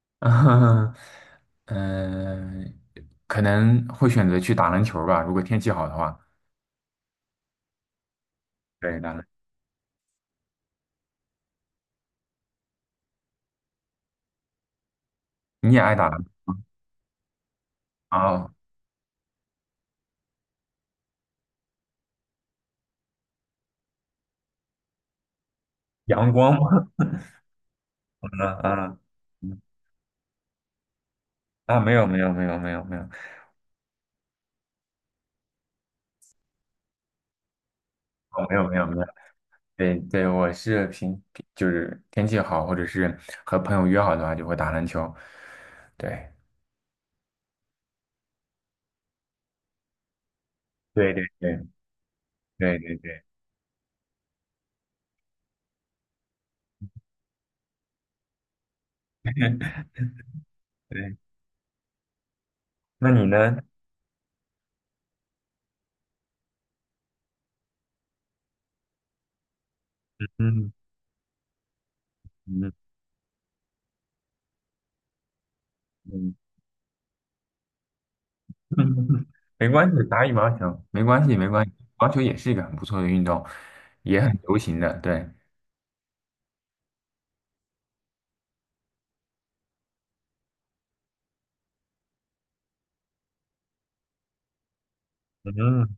嗯，嗯，可能会选择去打篮球吧，如果天气好的话。对，你也爱打篮球啊？阳光吗？啊啊嗯啊！没有没有没有没有没有，哦，没有没有没有，对对，我是平就是天气好，或者是和朋友约好的话，就会打篮球。对，对对对对对对 对，那你呢？嗯嗯嗯。嗯，没关系，打羽毛球没关系，没关系，羽毛球也是一个很不错的运动，也很流行的。对，嗯，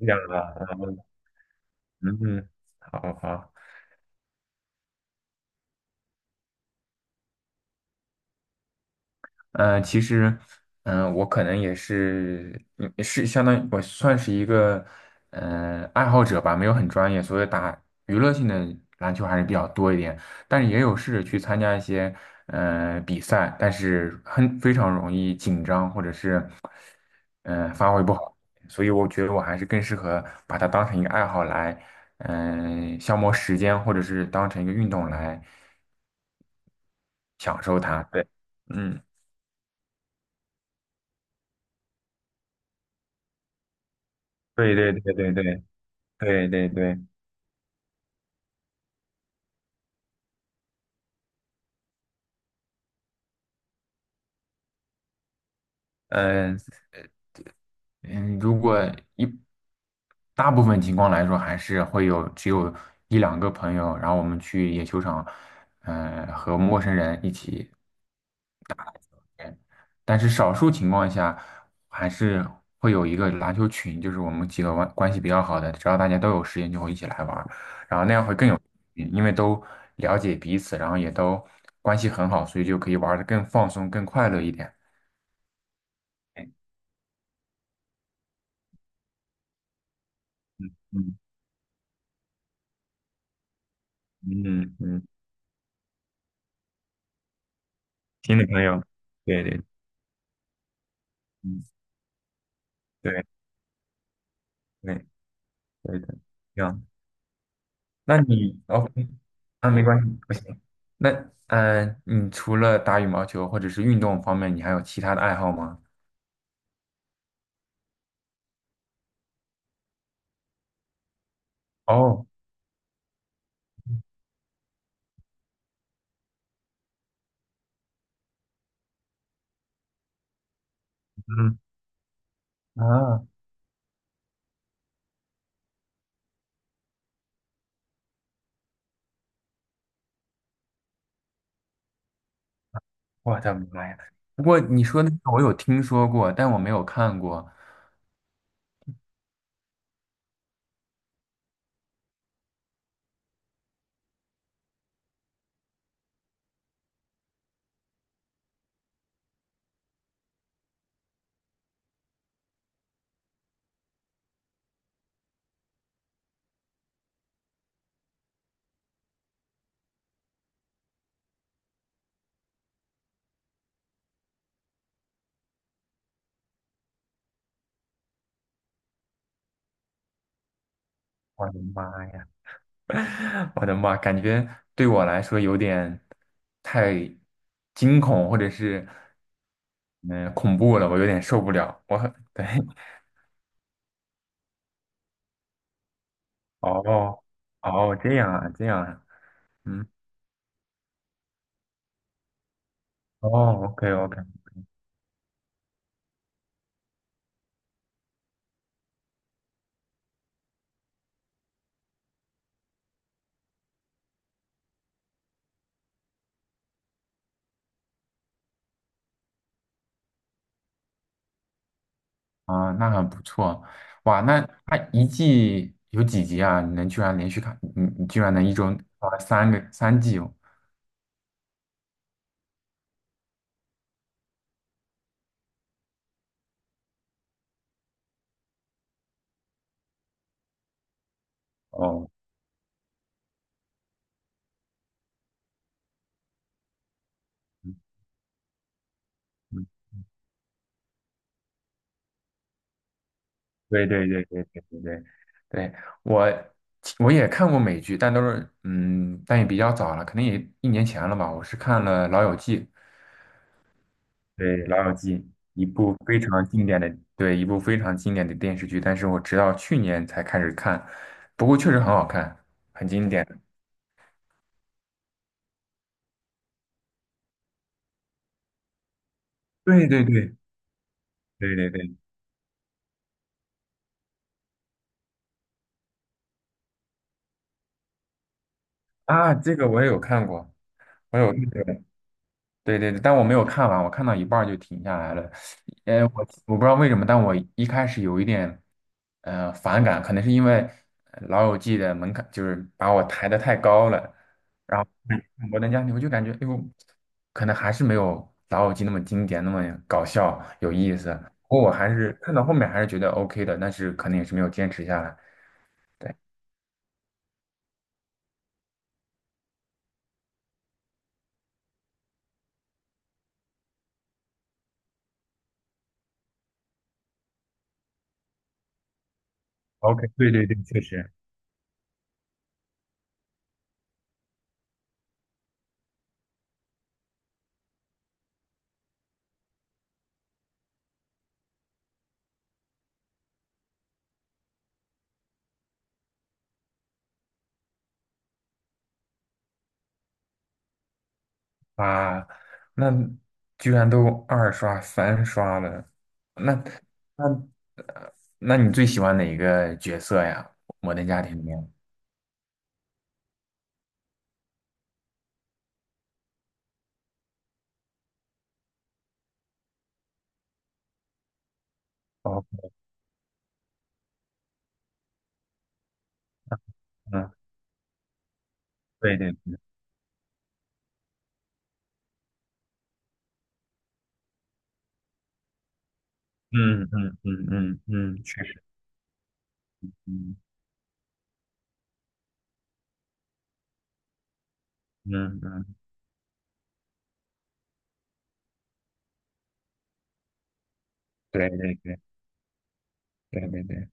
这样啊，嗯好好，其实，我可能也是，是相当于我算是一个，爱好者吧，没有很专业，所以打娱乐性的篮球还是比较多一点，但是也有试着去参加一些，比赛，但是很非常容易紧张，或者是。发挥不好，所以我觉得我还是更适合把它当成一个爱好来，消磨时间，或者是当成一个运动来享受它。对，嗯，对对对对对对对对，嗯、嗯，如果一大部分情况来说，还是只有一两个朋友，然后我们去野球场，和陌生人一起。但是少数情况下，还是会有一个篮球群，就是我们几个关系比较好的，只要大家都有时间就会一起来玩儿然后那样会更有意义因为都了解彼此，然后也都关系很好，所以就可以玩的更放松、更快乐一点。哎嗯嗯嗯，新的朋友，对对，嗯对对对的，这样那你 OK 啊，没关系，不行。那你除了打羽毛球或者是运动方面，你还有其他的爱好吗？哦，嗯啊，我的妈呀！不过你说那个我有听说过，但我没有看过。我的妈呀！我的妈，感觉对我来说有点太惊恐，或者是恐怖了，我有点受不了。我很对 哦哦，这样啊，这样啊，嗯，哦，OK OK，啊，那很不错，哇，那它一季有几集啊？你能居然连续看，你居然能一周啊三季哦，哦。嗯对对对对对对对，对我我也看过美剧，但都是但也比较早了，可能也一年前了吧。我是看了《老友记》，对《老友记》一部非常经典的，对一部非常经典的电视剧，但是我直到去年才开始看，不过确实很好看，很经典。对对对对对对啊，这个我也有看过，我有 对对对，但我没有看完，我看到一半儿就停下来了。呃，我我不知道为什么，但我一开始有一点。反感，可能是因为老友记》的门槛就是把我抬得太高了，然后看看摩登家庭》我就感觉，哎呦，可能还是没有《老友记》那么经典，那么搞笑有意思。不过我还是看到后面还是觉得 OK 的，但是可能也是没有坚持下来。对，OK，对对对，确实啊，那居然都二刷三刷了，那那那你最喜欢哪一个角色呀？《摩登家庭》里面？哦，嗯，对对。嗯嗯嗯嗯嗯，确实，嗯嗯嗯，对对对对对对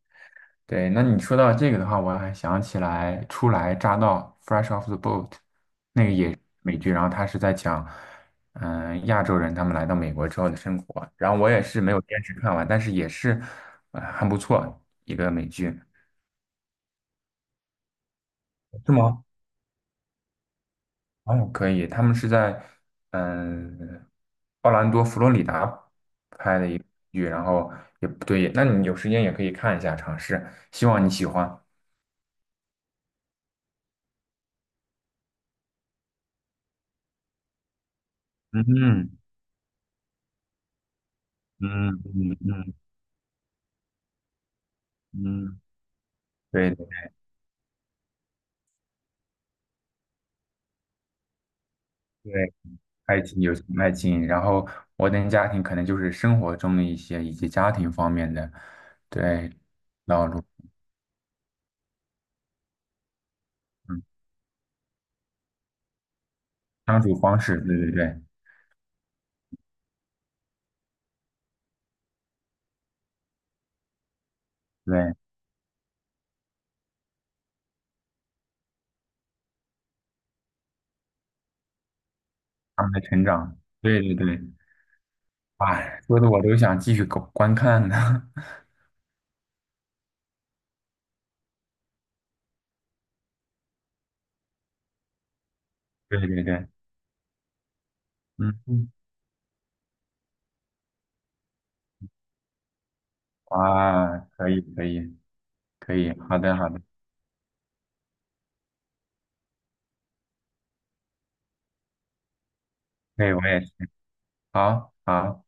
对。那你说到这个的话，我还想起来初来乍到 （Fresh off the boat） 那个也是美剧，然后他是在讲，亚洲人他们来到美国之后的生活。然后我也是没有坚持看完，但是也是，很不错一个美剧。是吗？哦，可以，他们是在嗯奥兰多、佛罗里达拍的一个剧，然后也不对，那你有时间也可以看一下，尝试，希望你喜欢。嗯哼嗯嗯嗯嗯，对对，对，爱情、友情、爱情，然后摩登家庭可能就是生活中的一些以及家庭方面的，对，道路，嗯，相处方式，对对对对，他们的成长，对对对，哎，说的我都想继续观看呢。对对对，嗯，嗯哇，可以可以可以，好的好的，对，我也是，好好。